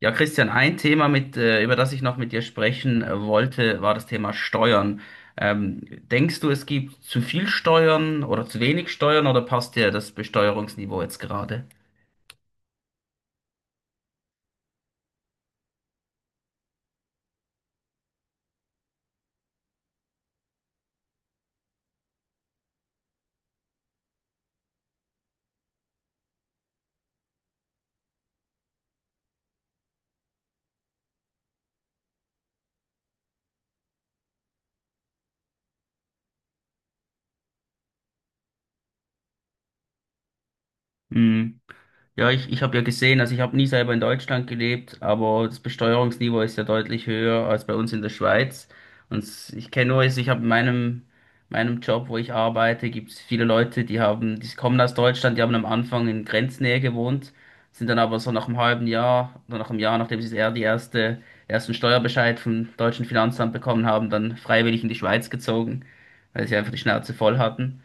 Ja, Christian, ein Thema, über das ich noch mit dir sprechen wollte, war das Thema Steuern. Ähm, Denkst du, es gibt zu viel Steuern oder zu wenig Steuern oder passt dir das Besteuerungsniveau jetzt gerade? Mhm. Ja, ich habe ja gesehen, also ich habe nie selber in Deutschland gelebt, aber das Besteuerungsniveau ist ja deutlich höher als bei uns in der Schweiz. Und ich kenne nur, also ich habe in meinem Job, wo ich arbeite, gibt es viele Leute, die haben, die kommen aus Deutschland, die haben am Anfang in Grenznähe gewohnt, sind dann aber so nach einem halben Jahr oder nach einem Jahr, nachdem sie eher die erste, ersten Steuerbescheid vom deutschen Finanzamt bekommen haben, dann freiwillig in die Schweiz gezogen, weil sie einfach die Schnauze voll hatten.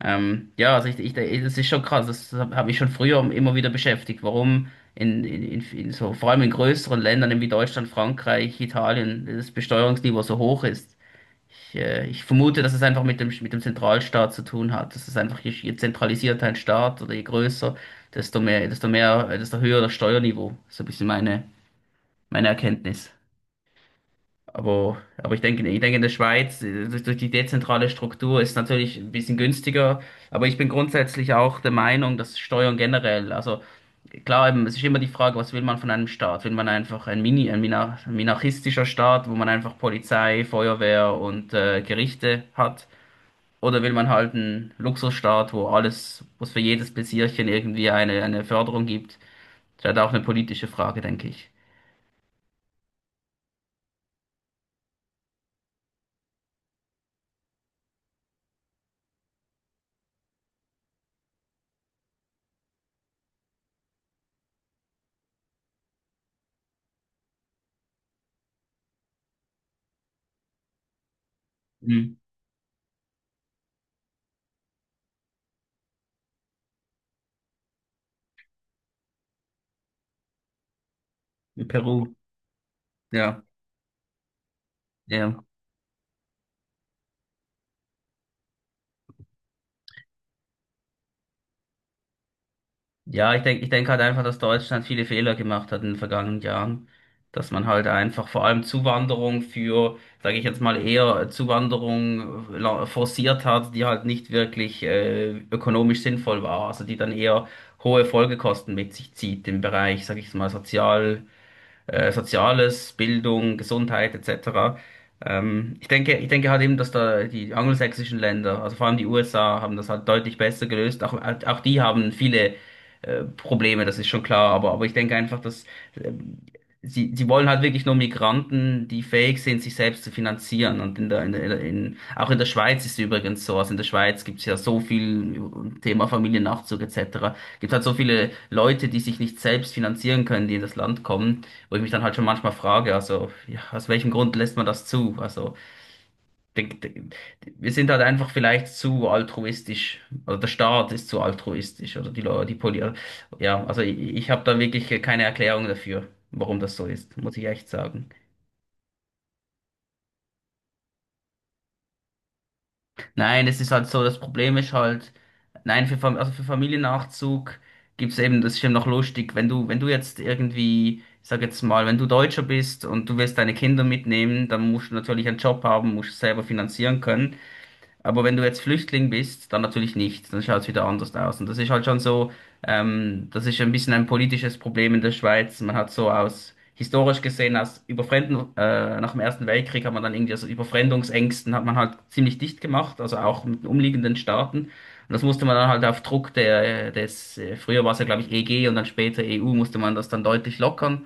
Ja, also das ist schon krass, das habe ich schon früher immer wieder beschäftigt, warum vor allem in größeren Ländern eben wie Deutschland, Frankreich, Italien, das Besteuerungsniveau so hoch ist. Ich vermute, dass es einfach mit dem, Zentralstaat zu tun hat. Das ist einfach, je zentralisierter ein Staat oder je größer, desto höher das Steuerniveau. So ist ein bisschen meine Erkenntnis. Aber ich denke, in der Schweiz durch die dezentrale Struktur ist natürlich ein bisschen günstiger. Aber ich bin grundsätzlich auch der Meinung, dass Steuern generell, also klar, eben, es ist immer die Frage, was will man von einem Staat? Will man einfach ein Mini, ein minar- minarchistischer Staat, wo man einfach Polizei, Feuerwehr und Gerichte hat? Oder will man halt einen Luxusstaat, wo alles, wo es für jedes Pläsierchen irgendwie eine Förderung gibt? Das ist halt auch eine politische Frage, denke ich. Mhm. In Peru, ja, ja. Ja, ich denke halt einfach, dass Deutschland viele Fehler gemacht hat in den vergangenen Jahren. Dass man halt einfach vor allem Zuwanderung für, sage ich jetzt mal, eher Zuwanderung forciert hat, die halt nicht wirklich ökonomisch sinnvoll war. Also die dann eher hohe Folgekosten mit sich zieht im Bereich, sage ich jetzt mal, Soziales, Bildung, Gesundheit etc. Ich denke halt eben, dass da die angelsächsischen Länder, also vor allem die USA, haben das halt deutlich besser gelöst Auch die haben viele Probleme, das ist schon klar. Aber ich denke einfach, dass ähm, sie wollen halt wirklich nur Migranten die fähig sind, sich selbst zu finanzieren. Und auch in der Schweiz ist es übrigens so. Also in der Schweiz gibt es ja so viel Thema Familiennachzug etc., gibt halt so viele Leute, die sich nicht selbst finanzieren können, die in das Land kommen. Wo ich mich dann halt schon manchmal frage, also, ja, aus welchem Grund lässt man das zu? Also, de- de- wir sind halt einfach vielleicht zu altruistisch, oder der Staat ist zu altruistisch, oder die Leute, ja, also ich habe da wirklich keine Erklärung dafür, warum das so ist, muss ich echt sagen. Nein, es ist halt so, das Problem ist halt, nein, also für Familiennachzug gibt's eben, das ist eben noch lustig, wenn du, wenn du jetzt irgendwie, ich sag jetzt mal, wenn du Deutscher bist und du willst deine Kinder mitnehmen, dann musst du natürlich einen Job haben, musst es selber finanzieren können. Aber wenn du jetzt Flüchtling bist, dann natürlich nicht. Dann schaut es wieder anders aus. Und das ist halt schon so, das ist ein bisschen ein politisches Problem in der Schweiz. Man hat so aus, historisch gesehen, aus nach dem Ersten Weltkrieg hat man dann irgendwie aus Überfremdungsängsten hat man halt ziemlich dicht gemacht, also auch mit den umliegenden Staaten. Und das musste man dann halt auf Druck früher war es ja, glaube ich, EG und dann später EU, musste man das dann deutlich lockern.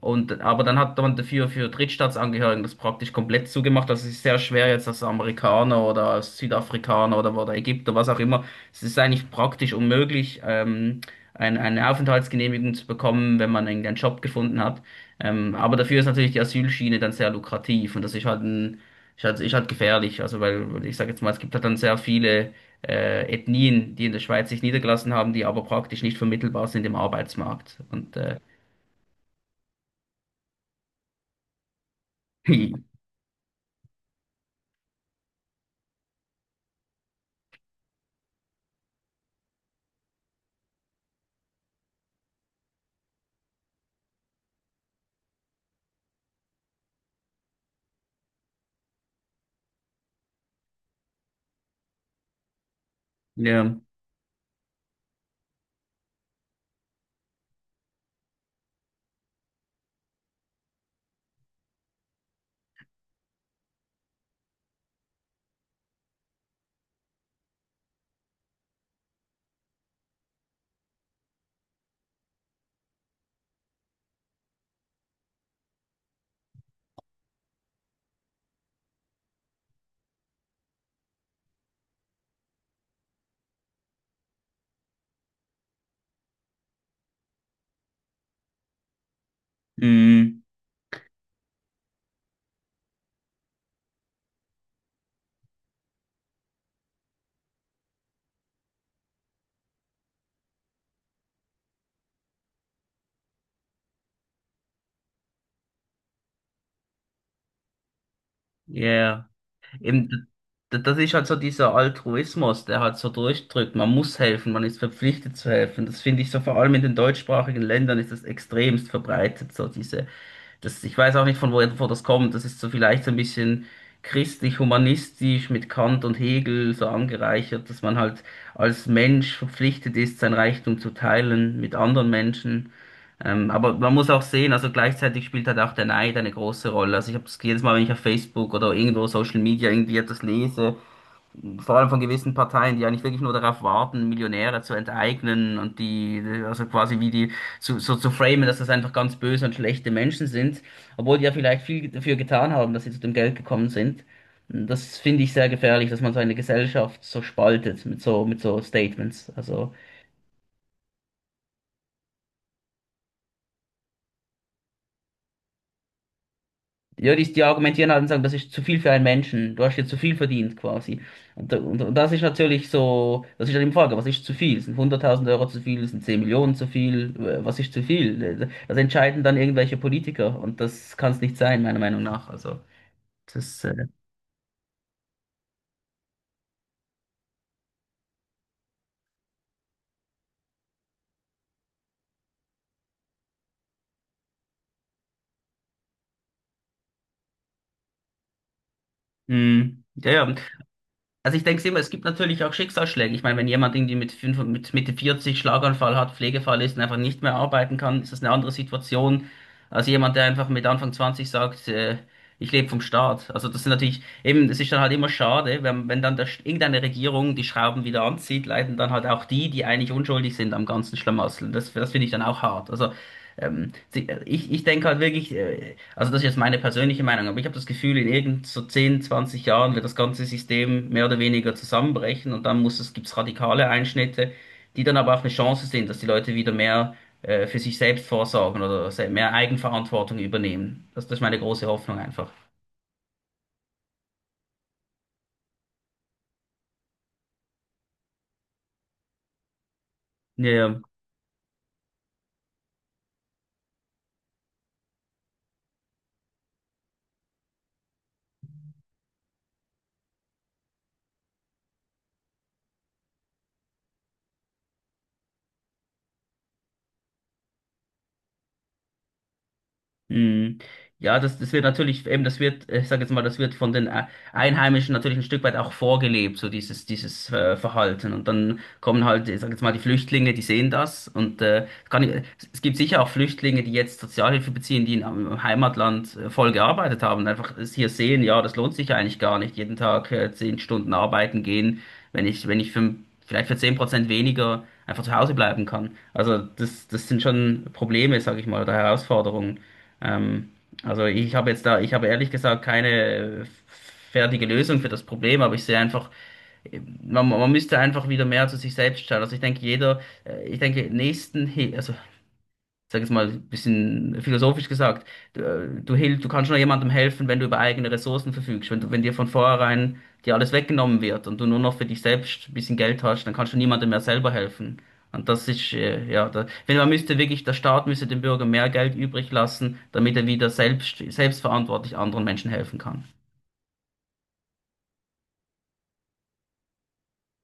Und, aber dann hat man dafür für Drittstaatsangehörigen das praktisch komplett zugemacht. Das ist sehr schwer jetzt, als Amerikaner oder als Südafrikaner oder, Ägypter, was auch immer. Es ist eigentlich praktisch unmöglich, eine Aufenthaltsgenehmigung zu bekommen, wenn man irgendeinen Job gefunden hat. Aber dafür ist natürlich die Asylschiene dann sehr lukrativ und das ist halt ist halt gefährlich. Also weil ich sage jetzt mal, es gibt halt dann sehr viele Ethnien, die in der Schweiz sich niedergelassen haben, die aber praktisch nicht vermittelbar sind im Arbeitsmarkt. Und ja. Mhm. Ja, eben, das ist halt so dieser Altruismus, der halt so durchdrückt. Man muss helfen, man ist verpflichtet zu helfen. Das finde ich so, vor allem in den deutschsprachigen Ländern ist das extremst verbreitet, so diese das, ich weiß auch nicht, von wo das kommt. Das ist so vielleicht so ein bisschen christlich-humanistisch mit Kant und Hegel so angereichert, dass man halt als Mensch verpflichtet ist, sein Reichtum zu teilen mit anderen Menschen. Aber man muss auch sehen, also gleichzeitig spielt halt auch der Neid eine große Rolle. Also ich habe das jedes Mal, wenn ich auf Facebook oder irgendwo Social Media irgendwie etwas lese, vor allem von gewissen Parteien, die eigentlich wirklich nur darauf warten, Millionäre zu enteignen und die, also quasi wie die, so, so zu framen, dass das einfach ganz böse und schlechte Menschen sind, obwohl die ja vielleicht viel dafür getan haben, dass sie zu dem Geld gekommen sind. Das finde ich sehr gefährlich, dass man so eine Gesellschaft so spaltet mit so Statements. Ja, die argumentieren halt und sagen, das ist zu viel für einen Menschen. Du hast jetzt zu viel verdient quasi. Und das ist natürlich so, das ist halt die Frage, was ist zu viel? Sind 100.000 Euro zu viel? Sind 10 Millionen zu viel? Was ist zu viel? Das entscheiden dann irgendwelche Politiker und das kann es nicht sein, meiner Meinung nach. Das, äh, mm, ja, ja. Also ich denke immer, es gibt natürlich auch Schicksalsschläge. Ich meine, wenn jemand irgendwie mit Mitte 40 Schlaganfall hat, Pflegefall ist und einfach nicht mehr arbeiten kann, ist das eine andere Situation als jemand, der einfach mit Anfang 20 sagt, ich lebe vom Staat. Also das sind natürlich, eben, es ist dann halt immer schade, wenn, wenn irgendeine Regierung die Schrauben wieder anzieht, leiden dann halt auch die, die eigentlich unschuldig sind am ganzen Schlamassel. Das finde ich dann auch hart. Also ich denke halt wirklich, also das ist jetzt meine persönliche Meinung, aber ich habe das Gefühl, in irgend so zehn, 20 Jahren wird das ganze System mehr oder weniger zusammenbrechen und dann muss es, gibt's radikale Einschnitte, die dann aber auch eine Chance sind, dass die Leute wieder mehr für sich selbst vorsorgen oder mehr Eigenverantwortung übernehmen. Das ist meine große Hoffnung einfach. Ja, ja. Mhm. Ja, das, das wird natürlich, eben, ich sage jetzt mal, das wird von den Einheimischen natürlich ein Stück weit auch vorgelebt, so dieses Verhalten. Und dann kommen halt, ich sage jetzt mal, die Flüchtlinge, die sehen das. Es gibt sicher auch Flüchtlinge, die jetzt Sozialhilfe beziehen, die in ihrem Heimatland voll gearbeitet haben und einfach es hier sehen, ja, das lohnt sich eigentlich gar nicht, jeden Tag 10 Stunden arbeiten gehen, wenn ich, wenn ich für, vielleicht für 10% weniger einfach zu Hause bleiben kann. Also das sind schon Probleme, sage ich mal, oder Herausforderungen. Ähm, also ich habe jetzt da, ich habe ehrlich gesagt keine fertige Lösung für das Problem, aber ich sehe einfach, man müsste einfach wieder mehr zu sich selbst schauen. Also ich denke, jeder, ich denke, nächsten, also sag jetzt mal, ein bisschen philosophisch gesagt, du kannst nur jemandem helfen, wenn du über eigene Ressourcen verfügst. Wenn dir von vornherein dir alles weggenommen wird und du nur noch für dich selbst ein bisschen Geld hast, dann kannst du niemandem mehr selber helfen. Und das ist, ja, da, wenn man müsste wirklich, der Staat müsste dem Bürger mehr Geld übrig lassen, damit er wieder selbstverantwortlich anderen Menschen helfen kann.